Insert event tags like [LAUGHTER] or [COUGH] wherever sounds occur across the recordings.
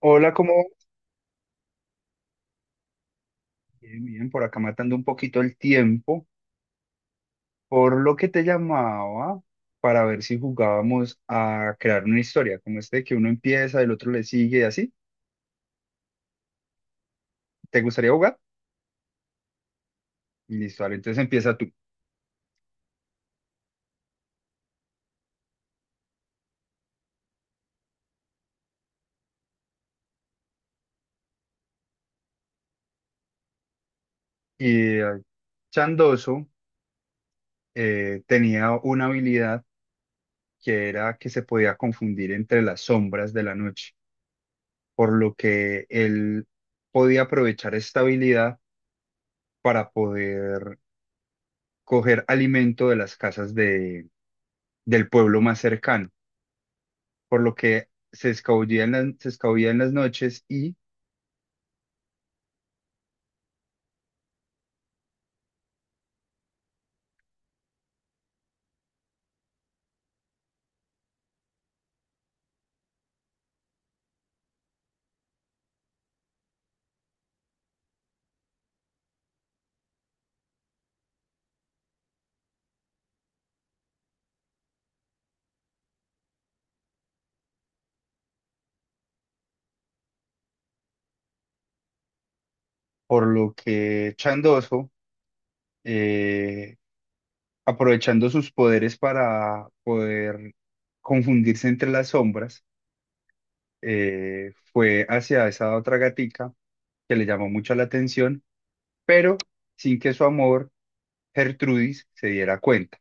Hola, ¿cómo va? Bien, bien, por acá matando un poquito el tiempo, por lo que te llamaba para ver si jugábamos a crear una historia, como este que uno empieza, el otro le sigue y así. ¿Te gustaría jugar? Listo, vale, entonces empieza tú. Y Chandoso tenía una habilidad que era que se podía confundir entre las sombras de la noche, por lo que él podía aprovechar esta habilidad para poder coger alimento de las casas del pueblo más cercano, por lo que se escabullía en las noches y por lo que Chandoso, eh, aprovechando sus poderes para poder confundirse entre las sombras, fue hacia esa otra gatica que le llamó mucho la atención, pero sin que su amor, Gertrudis, se diera cuenta.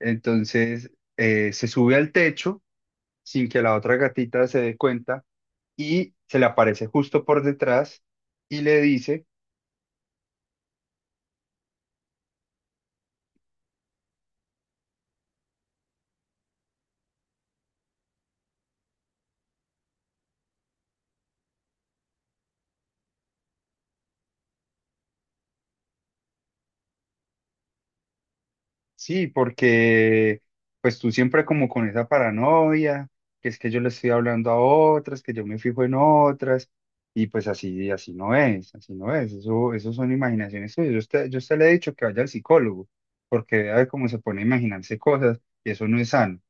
Entonces, se sube al techo sin que la otra gatita se dé cuenta y se le aparece justo por detrás y le dice sí, porque pues tú siempre como con esa paranoia, que es que yo le estoy hablando a otras, que yo me fijo en otras, y pues así, así no es, eso son imaginaciones suyas. Yo a usted le he dicho que vaya al psicólogo, porque vea de cómo se pone a imaginarse cosas, y eso no es sano,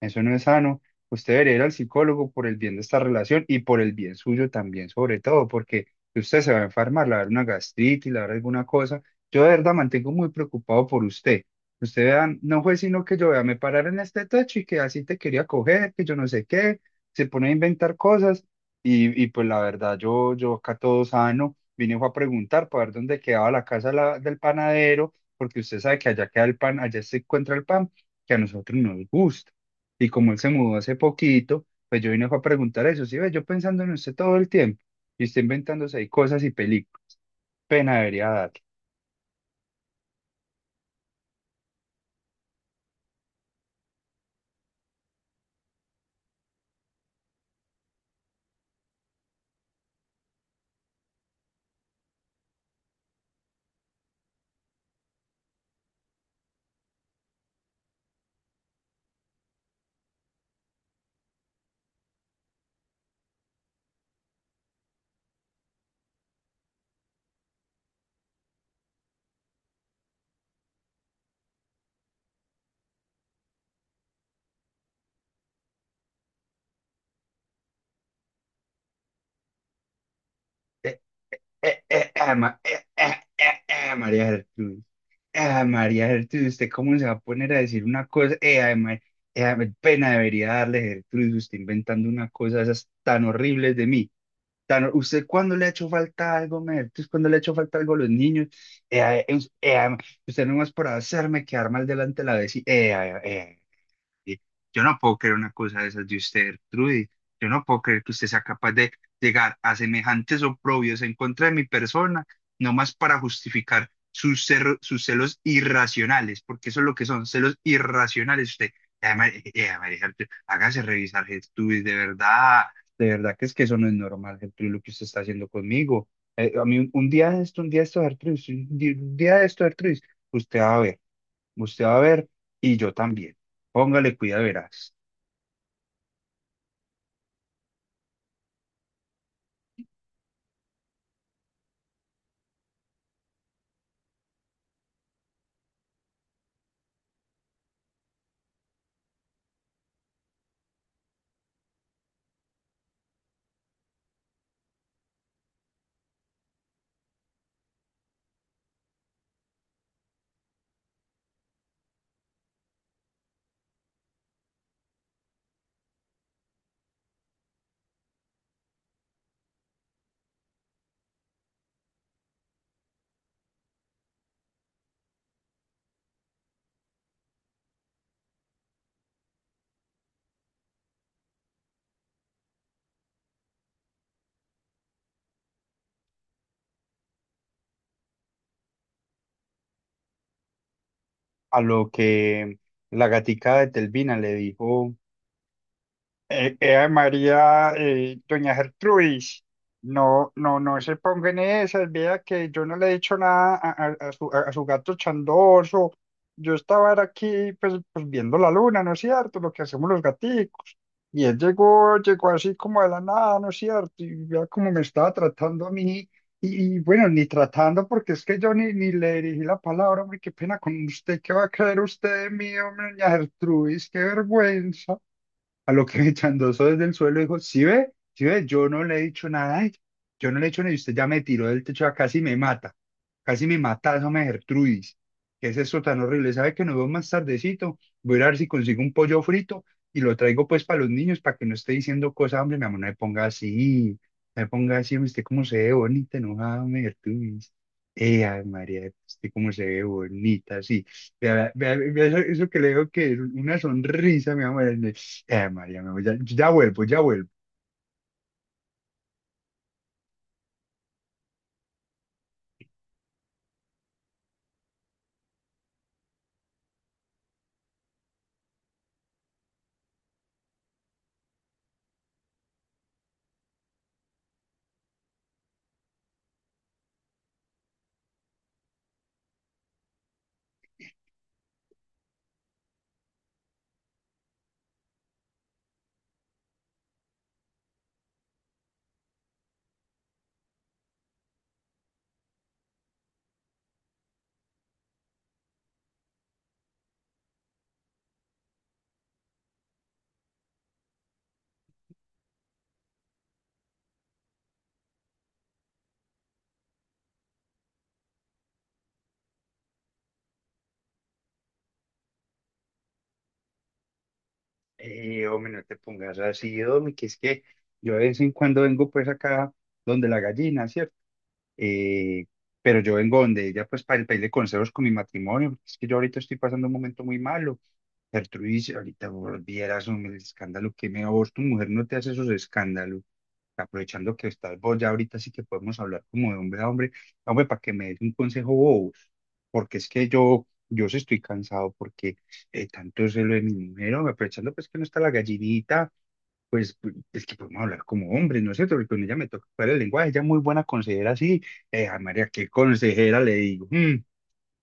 eso no es sano. Usted debería ir al psicólogo por el bien de esta relación y por el bien suyo también, sobre todo, porque si usted se va a enfermar, le va a dar una gastritis, le va a dar alguna cosa. Yo de verdad mantengo muy preocupado por usted. Usted vea no fue sino que yo vea, me pararon en este techo y que así te quería coger, que yo no sé qué, se pone a inventar cosas y pues la verdad, yo acá todo sano, vine fue a preguntar para ver dónde quedaba del panadero, porque usted sabe que allá queda el pan, allá se encuentra el pan que a nosotros nos gusta. Y como él se mudó hace poquito, pues yo vine fue a preguntar eso, sí ve, yo pensando en usted todo el tiempo y usted inventándose ahí cosas y películas, pena debería darle. Eh, eh, ah, ma- eh, eh, eh, María Gertrudis. Ah, María Gertrudis, ¿usted cómo se va a poner a decir una cosa? Ay, pena debería darle, Gertrudis, usted inventando una cosa de esas tan horribles de mí. ¿Usted cuándo le ha hecho falta algo, ma Gertrudis? ¿Cuándo le ha hecho falta algo a los niños? Ay, us- ay, ma- usted nomás por hacerme quedar mal delante de la vecina. Y Yo no puedo creer una cosa de esas de usted, Trudy. Yo no puedo creer que usted sea capaz de llegar a semejantes oprobios en contra de mi persona, nomás para justificar sus celos irracionales, porque eso es lo que son, celos irracionales. Usted, María Gertrude, hágase revisar, Gertrudis, de verdad que es que eso no es normal, Gertrude, lo que usted está haciendo conmigo. A mí un día de esto, un día de esto, Gertrudis, un día de esto, Gertrudis, usted va a ver. Usted va a ver y yo también. Póngale cuidado, verás. A lo que la gatica de Telvina le dijo. María, doña Gertrudis, no, no, no se ponga en esas, vea que yo no le he dicho nada a su, a su gato chandoso. Yo estaba era aquí, pues, viendo la luna, ¿no es cierto? Lo que hacemos los gaticos. Y él llegó, llegó así como de la nada, ¿no es cierto? Y vea cómo me estaba tratando a mí. Bueno, ni tratando, porque es que yo ni, ni le dirigí la palabra, hombre, qué pena con usted, ¿qué va a creer usted de mí, hombre, doña Gertrudis? Qué vergüenza. A lo que [LAUGHS] Chandoso desde el suelo dijo, sí ve, yo no le he dicho nada a ella, yo no le he hecho nada y usted ya me tiró del techo, casi me mata, esa me Gertrudis, ¿qué es esto tan horrible? ¿Sabe que nos vemos más tardecito? Voy a ir a ver si consigo un pollo frito y lo traigo pues para los niños, para que no esté diciendo cosas, hombre, mi amor, no me ponga así, no me ponga así, hombre, usted cómo se ve bonita, enojada, hombre, Gertrudis. María, usted cómo se ve bonita, sí. Vea, vea, vea eso, eso que le digo que es una sonrisa, mi amor. María, me voy, ya, ya vuelvo, ya vuelvo. Hombre, no te pongas así, hombre, que es que yo de vez en cuando vengo pues acá donde la gallina, ¿cierto? Eh, pero yo vengo donde ella pues para el pedirle consejos con mi matrimonio, porque es que yo ahorita estoy pasando un momento muy malo. Gertrudis, ahorita volvieras, hombre, el escándalo que me a vos, tu mujer no te hace esos escándalos. Aprovechando que estás vos ya ahorita sí que podemos hablar como de hombre a hombre, hombre, para que me des un consejo vos, porque es que yo sí estoy cansado porque tanto celo de mi mujer, hombre, aprovechando pues que no está la gallinita, es que podemos hablar como hombres, ¿no es cierto? Porque con ella me toca para el lenguaje, ella es muy buena consejera, sí, María, qué consejera le digo, "Mm,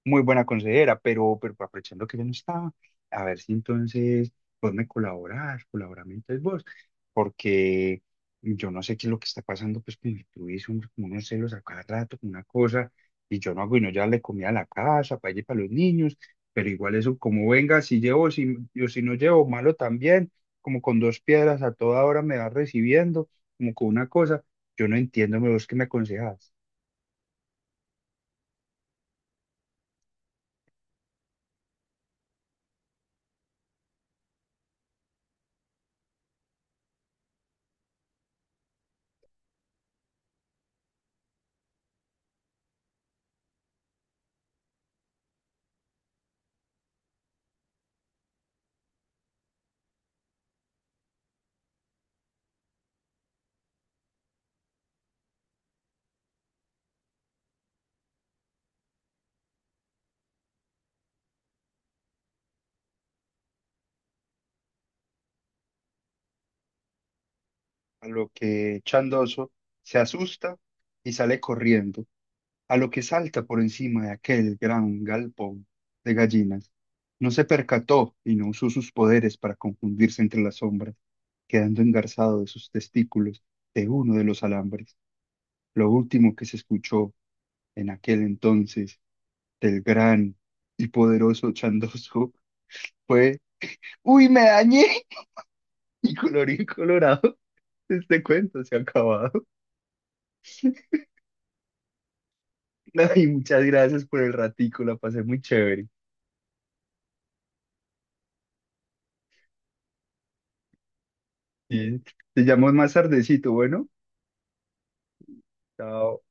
muy buena consejera, pero aprovechando que yo no estaba, a ver si entonces vos me colaborás, colaborame entonces vos, porque yo no sé qué es lo que está pasando pues con mi Luis, hombre, como unos celos a cada rato, con una cosa, y yo no hago y no ya le comía a la casa, para allí para los niños, pero igual eso, como venga, si llevo, si, yo si no llevo, malo también, como con dos piedras a toda hora me va recibiendo, como con una cosa, yo no entiendo, ¿me vos qué me aconsejas? A lo que Chandoso se asusta y sale corriendo, a lo que salta por encima de aquel gran galpón de gallinas. No se percató y no usó sus poderes para confundirse entre las sombras, quedando engarzado de sus testículos de uno de los alambres. Lo último que se escuchó en aquel entonces del gran y poderoso Chandoso [LAUGHS] fue, ¡Uy, me dañé! [LAUGHS] Y colorín colorado, [LAUGHS] este cuento se ha acabado. [LAUGHS] No, y muchas gracias por el ratico, la pasé muy chévere. Sí. Te llamo más tardecito, bueno. Chao.